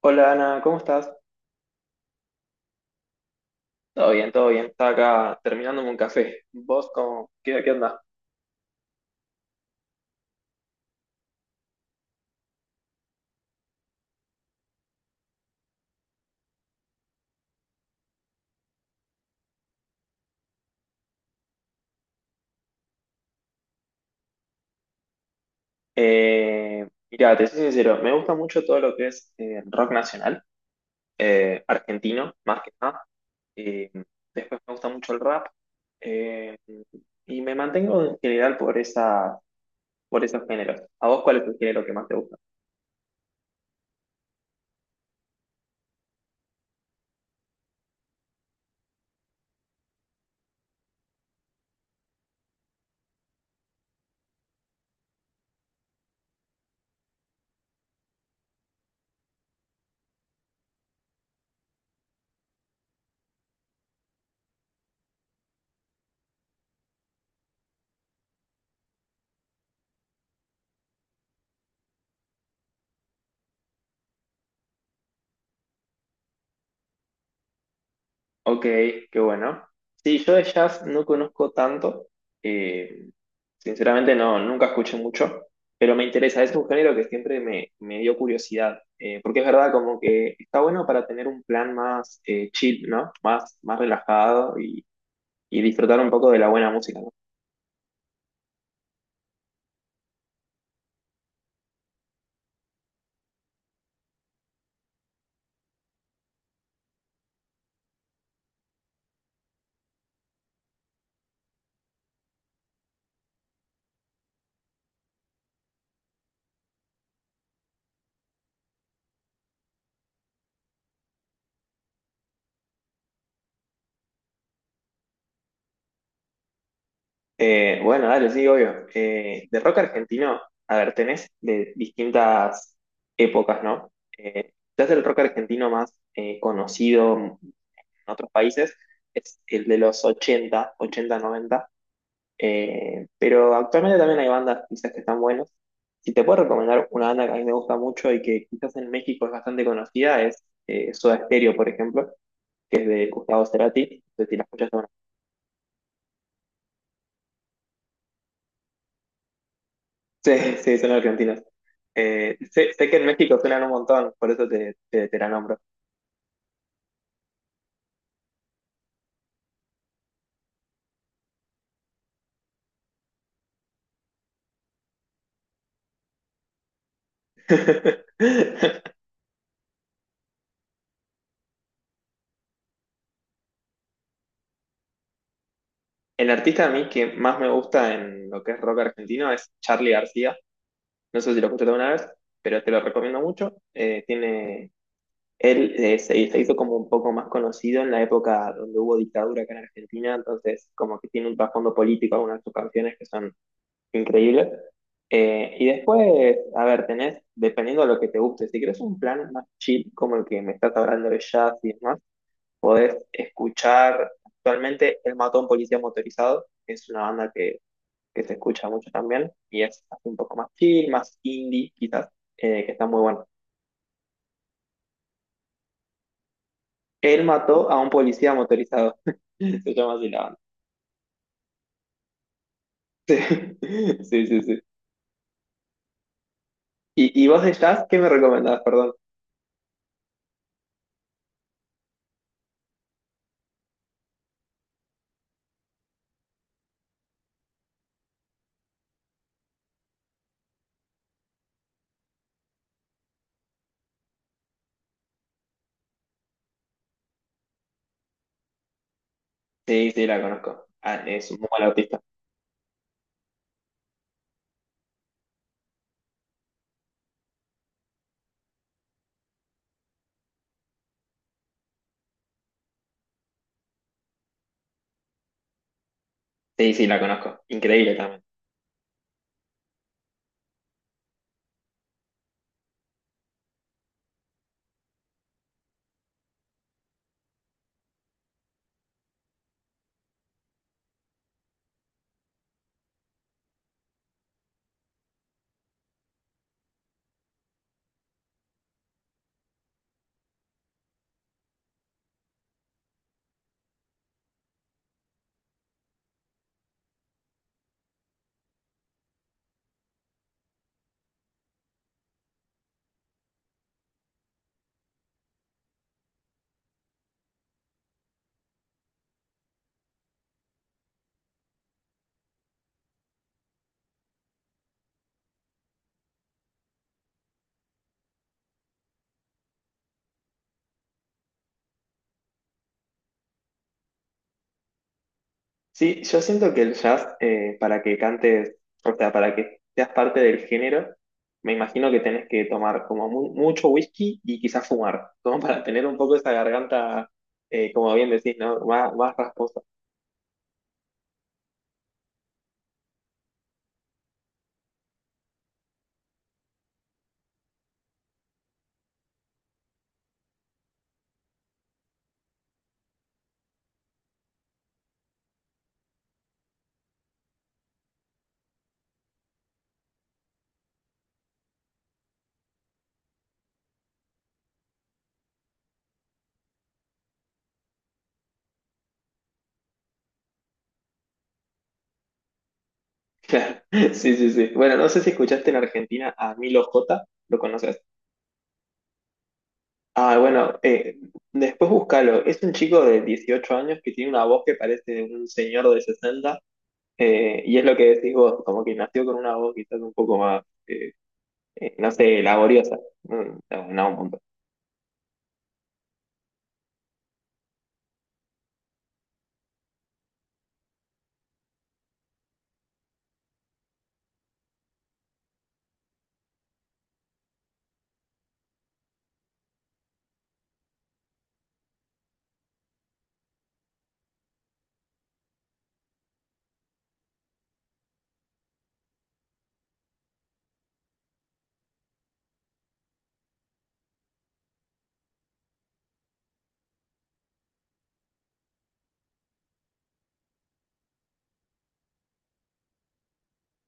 Hola, Ana, ¿cómo estás? Todo bien, todo bien. Estaba acá terminándome un café. ¿Vos cómo? ¿Qué onda? Eh, Mirá, te soy sincero, me gusta mucho todo lo que es rock nacional, argentino, más que nada. Eh, Después me gusta mucho el rap. eh, y me mantengo en general por por esos géneros. ¿A vos cuál es el género que más te gusta? Ok, qué bueno. Sí, yo de jazz no conozco tanto. eh, Sinceramente no, nunca escuché mucho, pero me interesa, es un género que siempre me dio curiosidad, porque es verdad como que está bueno para tener un plan más chill, ¿no? Más relajado y disfrutar un poco de la buena música, ¿no? Bueno, dale, sí, obvio. De rock argentino, a ver, tenés de distintas épocas, ¿no? Quizás el rock argentino más conocido en otros países es el de los ochenta, noventa. Pero actualmente también hay bandas quizás que están buenas. Si te puedo recomendar una banda que a mí me gusta mucho y que quizás en México es bastante conocida, es Soda Stereo, por ejemplo, que es de Gustavo Cerati. No sé si la escuchas o no. Sí, sí, son argentinos. Sé que en México suenan un montón, por eso te la nombro. El artista a mí que más me gusta en lo que es rock argentino es Charly García. No sé si lo escuchaste alguna vez, pero te lo recomiendo mucho. Se hizo como un poco más conocido en la época donde hubo dictadura acá en Argentina, entonces como que tiene un trasfondo político algunas de sus canciones que son increíbles. Y después, a ver, tenés, dependiendo de lo que te guste, si querés un plan más chill como el que me estás hablando de jazz y demás, podés escuchar actualmente El Mató a un Policía Motorizado, que es una banda que se escucha mucho también, y es así un poco más chill, más indie quizás, que está muy bueno. Él mató a un policía motorizado. Se llama así la banda. Sí, sí, sí, sí. ¿Y vos de jazz, qué me recomendás? Perdón. Sí, sí, la conozco. Ah, es un muy mal artista. Sí, sí, la conozco. Increíble también. Sí, yo siento que el jazz, para que cantes, o sea, para que seas parte del género, me imagino que tenés que tomar como mucho whisky y quizás fumar, como para tener un poco esa garganta, como bien decís, ¿no? Más rasposa. Claro. Sí, sí, sí. Bueno, no sé si escuchaste en Argentina a Milo J, ¿lo conoces? Ah, bueno, después búscalo. Es un chico de 18 años que tiene una voz que parece un señor de 60, y es lo que decís vos, como que nació con una voz quizás un poco más, no sé, laboriosa. No, no, un punto.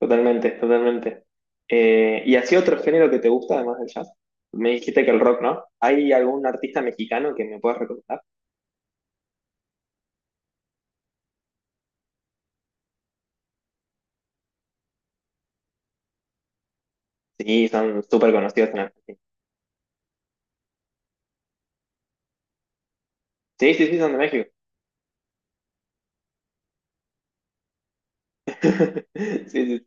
Totalmente, totalmente. ¿Y así otro género que te gusta además del jazz? Me dijiste que el rock, ¿no? ¿Hay algún artista mexicano que me puedas recomendar? Sí, son súper conocidos en Argentina. Sí, sí, sí, son de México. Sí, sí,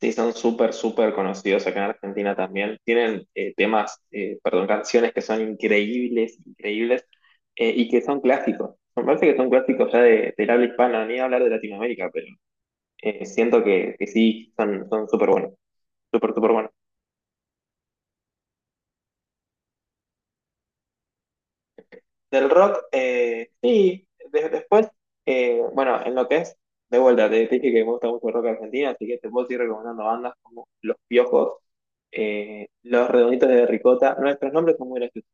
sí, son súper, súper conocidos acá en Argentina también. Tienen perdón, canciones que son increíbles, increíbles, y que son clásicos. Me parece que son clásicos ya del habla hispana, ni hablar de Latinoamérica, pero siento que sí, son, son súper buenos, súper, súper buenos. Del rock, sí, después, bueno, en lo que es, de vuelta, te dije que me gusta mucho el rock argentino, así que te puedo seguir recomendando bandas como Los Piojos, Los Redonditos de Ricota, nuestros nombres son muy graciosos.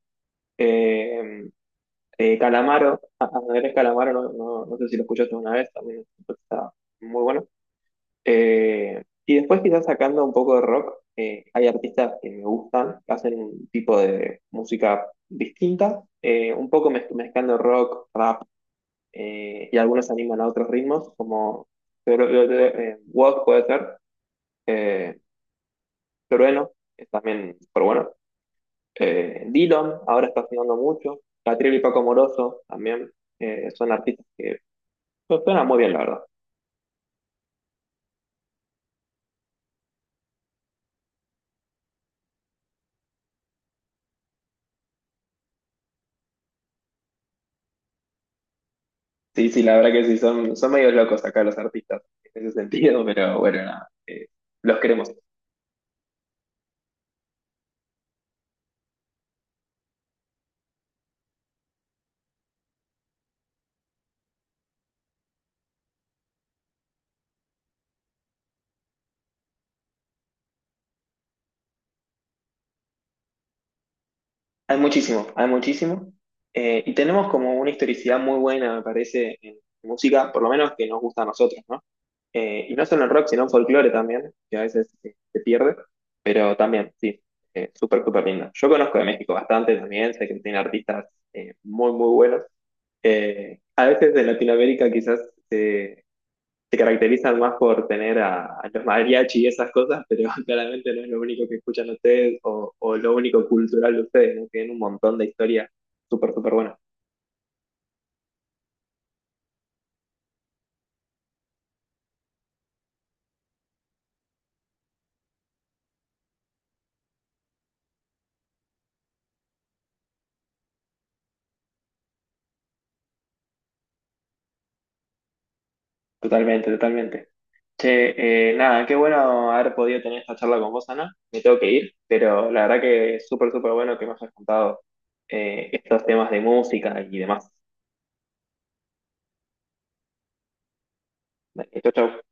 Eh, Andrés Calamaro, no sé si lo escuchaste una vez, también está muy bueno. Y después quizás sacando un poco de rock, hay artistas que me gustan, que hacen un tipo de música distinta, un poco mezclando rock, rap, y algunos animan a otros ritmos, como Walk puede ser, eh, Trueno, es también, pero bueno, Dylan, ahora está sonando mucho, Catriel y Paco Moroso también, son artistas que pues, suenan muy bien, la verdad. Sí, sí, la verdad que sí, son, son medio locos acá los artistas en ese sentido, pero bueno, nada, los queremos. Hay muchísimo, hay muchísimo. Y tenemos como una historicidad muy buena, me parece, en música, por lo menos que nos gusta a nosotros, ¿no? Y no solo en rock, sino en folclore también, que a veces se pierde, pero también, sí, súper, súper lindo. Yo conozco de México bastante también, sé que tiene artistas muy, muy buenos. A veces en Latinoamérica quizás se caracterizan más por tener a los mariachi y esas cosas, pero claramente no es lo único que escuchan ustedes o lo único cultural de ustedes, ¿no? Tienen un montón de historias súper, súper buenas. Totalmente, totalmente. Che, nada, qué bueno haber podido tener esta charla con vos, Ana. Me tengo que ir, pero la verdad que es súper, súper bueno que me hayas contado estos temas de música y demás. Chau, chau.